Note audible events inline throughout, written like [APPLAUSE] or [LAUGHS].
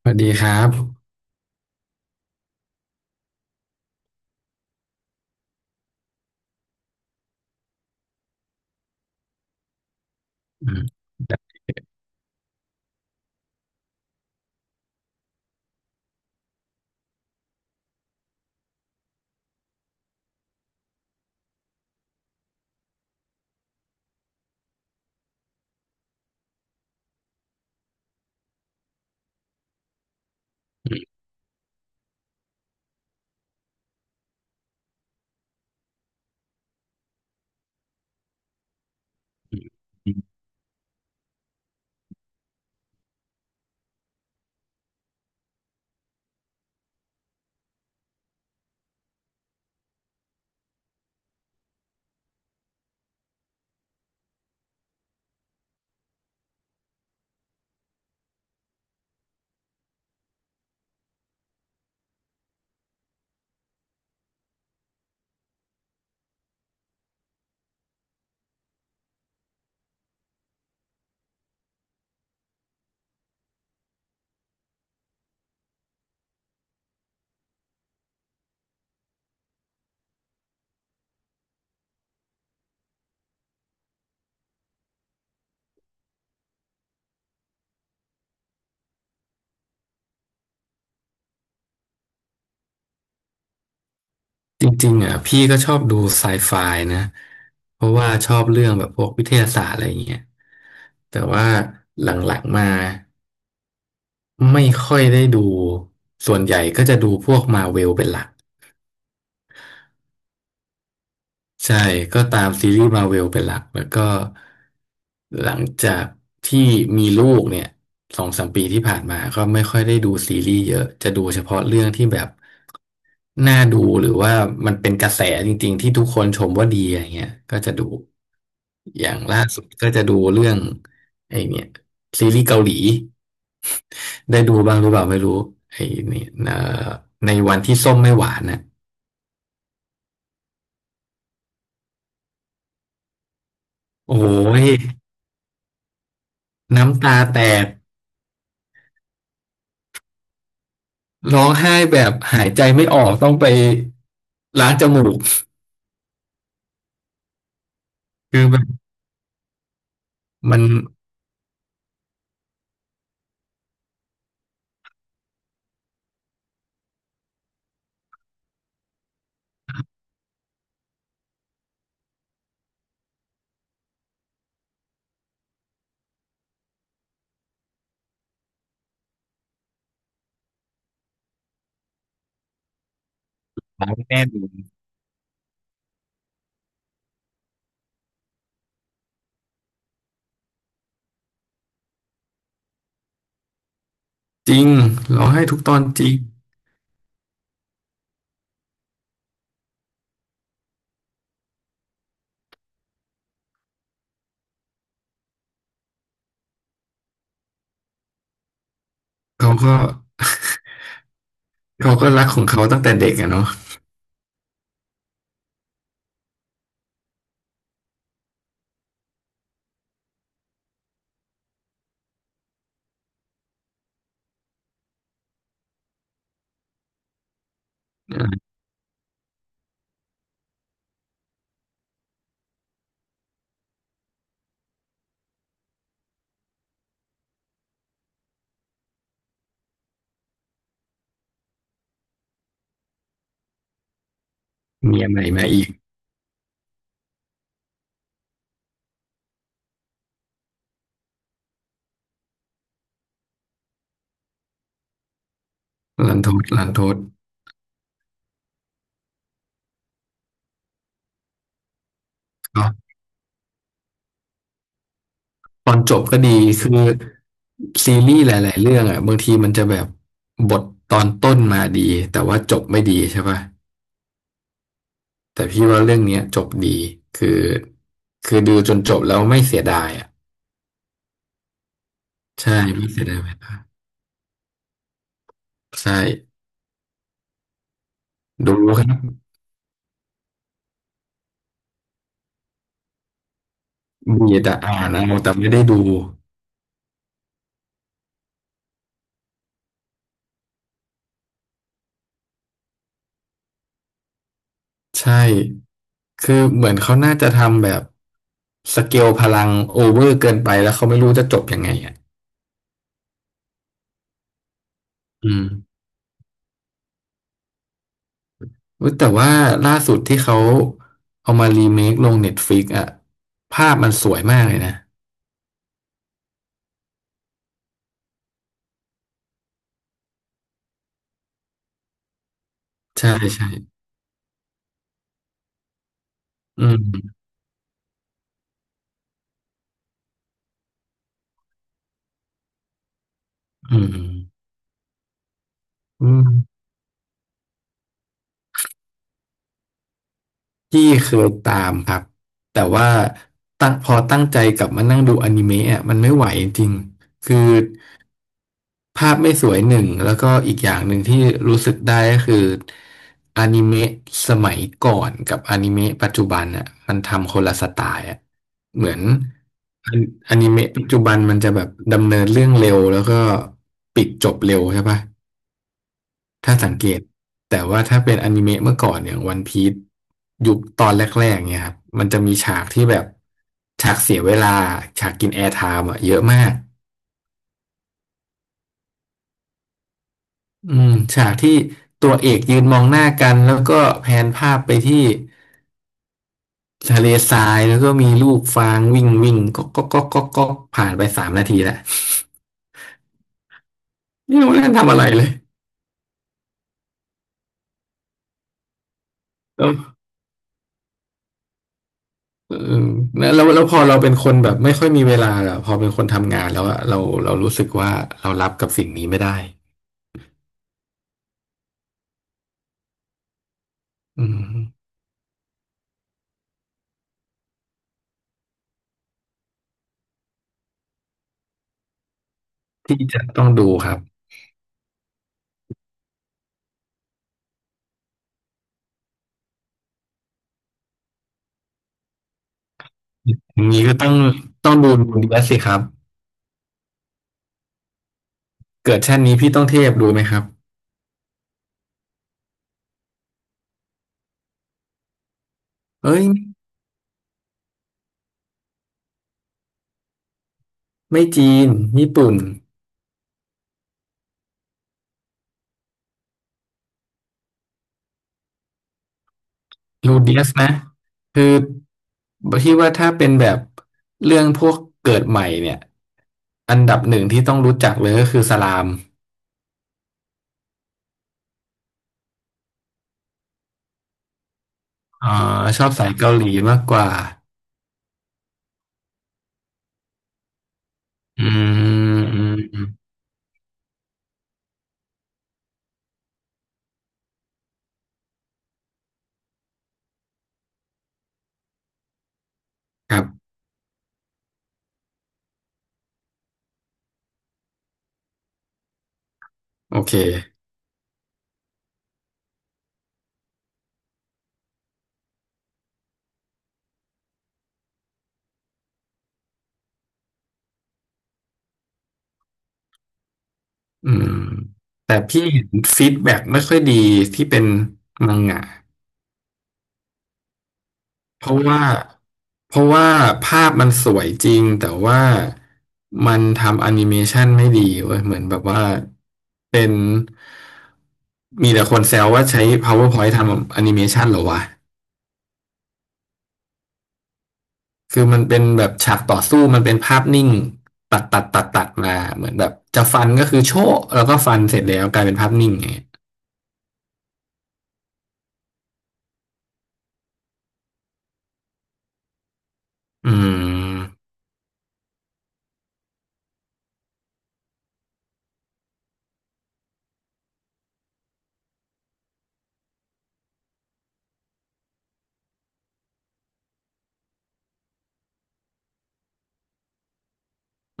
สวัสดีครับอืมจริงๆอ่ะพี่ก็ชอบดูไซไฟนะเพราะว่าชอบเรื่องแบบพวกวิทยาศาสตร์อะไรอย่างเงี้ยแต่ว่าหลังๆมาไม่ค่อยได้ดูส่วนใหญ่ก็จะดูพวกมาเวลเป็นหลักใช่ก็ตามซีรีส์มาเวลเป็นหลักแล้วก็หลังจากที่มีลูกเนี่ยสองสามปีที่ผ่านมาก็ไม่ค่อยได้ดูซีรีส์เยอะจะดูเฉพาะเรื่องที่แบบ น่าดูหรือว่ามันเป็นกระแสจริงๆที่ทุกคนชมว่าดีอะไรเงี้ยก็จะดูอย่างล่าสุดก็จะดูเรื่องไอ้เนี่ยซีรีส์เกาหลีได้ดูบ้างหรือเปล่าไม่รู้ไอ้เนี่ยอในวันที่ส้มไม่หวานน่ะโอ้ยน้ำตาแตกร้องไห้แบบหายใจไม่ออกต้องไปล้างจมูกคือแบบมันร้องแน่นจริงร้องไห้ทุกตอนจริงเขาก็เขาก็รักของเขาตั้งแต่เด็กอะเนาะ เมียใหม่มาอีกลันทดลันทดก็ตอนจบก็ดีคือซีรีส์หลายๆเรื่องอ่ะบางทีมันจะแบบบทตอนต้นมาดีแต่ว่าจบไม่ดีใช่ป่ะแต่พี่ว่าเรื่องเนี้ยจบดีคือคือดูจนจบแล้วไม่เสียดายอ่ะใช่ไม่เสียดายเวลาใช่ดูครับมีแต่อ่านเอาแต่ไม่ได้ดูใช่คือเหมือนเขาน่าจะทำแบบสเกลพลังโอเวอร์เกินไปแล้วเขาไม่รู้จะจบยังไงอ่ะอืม เว้ยแต่ว่าล่าสุดที่เขาเอามารีเมคลงเน็ตฟลิกอะภาพมันสวยมากเลยนะใช่ใช่อืมอืมอืมพี่เคยตามครับแต่ว่าพอตั้งใจกลับมานั่งดูอนิเมะอะมันไม่ไหวจริงๆคือ ภาพไม่สวยหนึ่งแล้วก็อีกอย่างหนึ่งที่รู้สึกได้ก็คืออนิเมะสมัยก่อนกับอนิเมะปัจจุบันอ่ะมันทำคนละสไตล์อ่ะเหมือนอนิเมะปัจจุบันมันจะแบบดำเนินเรื่องเร็วแล้วก็ปิดจบเร็วใช่ปะถ้าสังเกตแต่ว่าถ้าเป็นอนิเมะเมื่อก่อนอย่างวันพีซยุคตอนแรกๆเนี่ยครับมันจะมีฉากที่แบบฉากเสียเวลาฉากกินแอร์ไทม์อ่ะเยอะมาก อืมฉากที่ตัวเอกยืนมองหน้ากันแล้วก็แผนภาพไปที่ทะเลทรายแล้วก็มีลูกฟางวิ่งวิ่งก็ผ่านไปสามนาทีแล้วไม่รู้นั่นทำอะไรเลยแล้วเออแล้วพอเราเป็นคนแบบไม่ค่อยมีเวลาอะพอเป็นคนทำงานแล้วอะเรารู้สึกว่าเรารับกับสิ่งนี้ไม่ได้อืมที่จะต้องดูครับอย่างนี้ก็ต้องต้องดูดีแลสิครับเกิดชาตินี้พี่ต้องเทพดูไหมครับเอ้ยไม่จีนญี่ปุ่น ลูเดียสนะคือพี่ว่าถ้าเป็นแบบเรื่องพวกเกิดใหม่เนี่ยอันดับหนึ่งที่ต้องรู้จักเลยก็คือสลามอ่าชอบสายเกาหลีมากกว่าอืมอืมอืมครับโอเคอืมแต่พี่เห็นฟีดแบ็กไม่ค่อยดีที่เป็นมังงะ เพราะว่าเพราะว่าภาพมันสวยจริงแต่ว่ามันทำแอนิเมชันไม่ดีเว้ยเหมือนแบบว่าเป็นมีแต่คนแซวว่าใช้ PowerPoint ทำแอนิเมชันเหรอวะคือมันเป็นแบบฉากต่อสู้มันเป็นภาพนิ่งตัดมาเหมือนแบบจะฟันก็คือโชะแล้วก็ฟันเสร็จแล้วกลายเป็นภาพนิ่งไงยอืม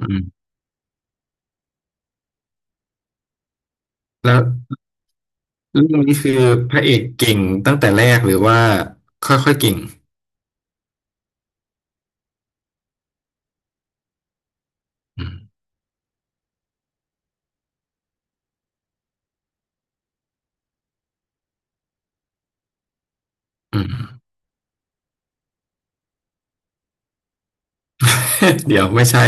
อืมแล้วเรื่องนี้คือพระเอกเก่งตั้งแต่แรกหรือว่าค่อยๆเก่งอืมอืม [LAUGHS] เดี๋ยวไม่ใช่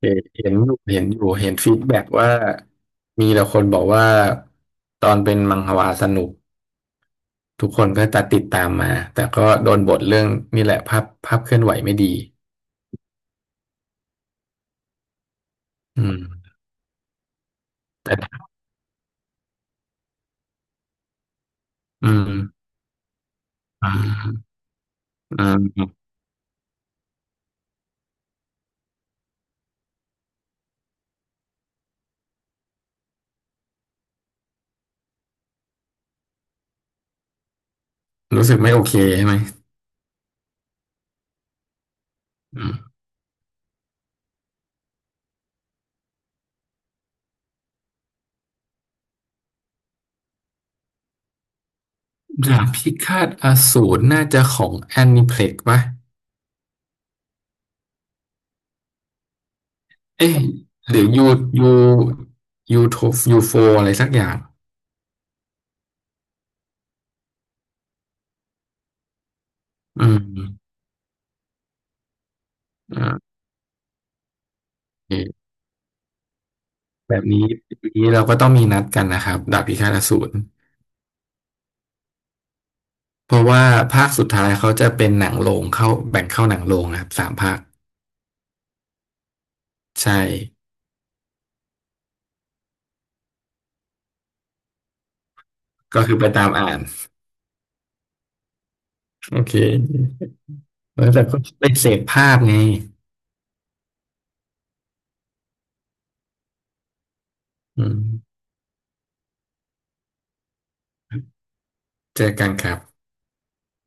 เห็นเห็นอยู่เห็นฟีดแบ็กว่ามีแต่คนบอกว่าตอนเป็นมังฮวาสนุกทุกคนก็จะติดตามมาแต่ก็โดนบทเรื่องนี่แหละภาพภาพเคลื่อนไหวไม่ดีอืมแต่อืมอืมอมรู้สึกไม่โอเคใช่ไหมอืมดาบพิฆาตอสูรน่าจะของแอนิเพล็กปะเอ๊ะหรือยูยูโทยูโฟอะไรสักอย่างอืมอ่าโอเค แบบนี้ปีนี้เราก็ต้องมีนัดกันนะครับดาบพิฆาตอสูรเพราะว่าภาคสุดท้ายเขาจะเป็นหนังโรงเข้าแบ่งเข้าหนังโรงนะครับสามภาคใช่ก็คือไปตามอ่านโอเคแล้วแต่ก็ไปเสพภาพไงอืมเจอกันครับ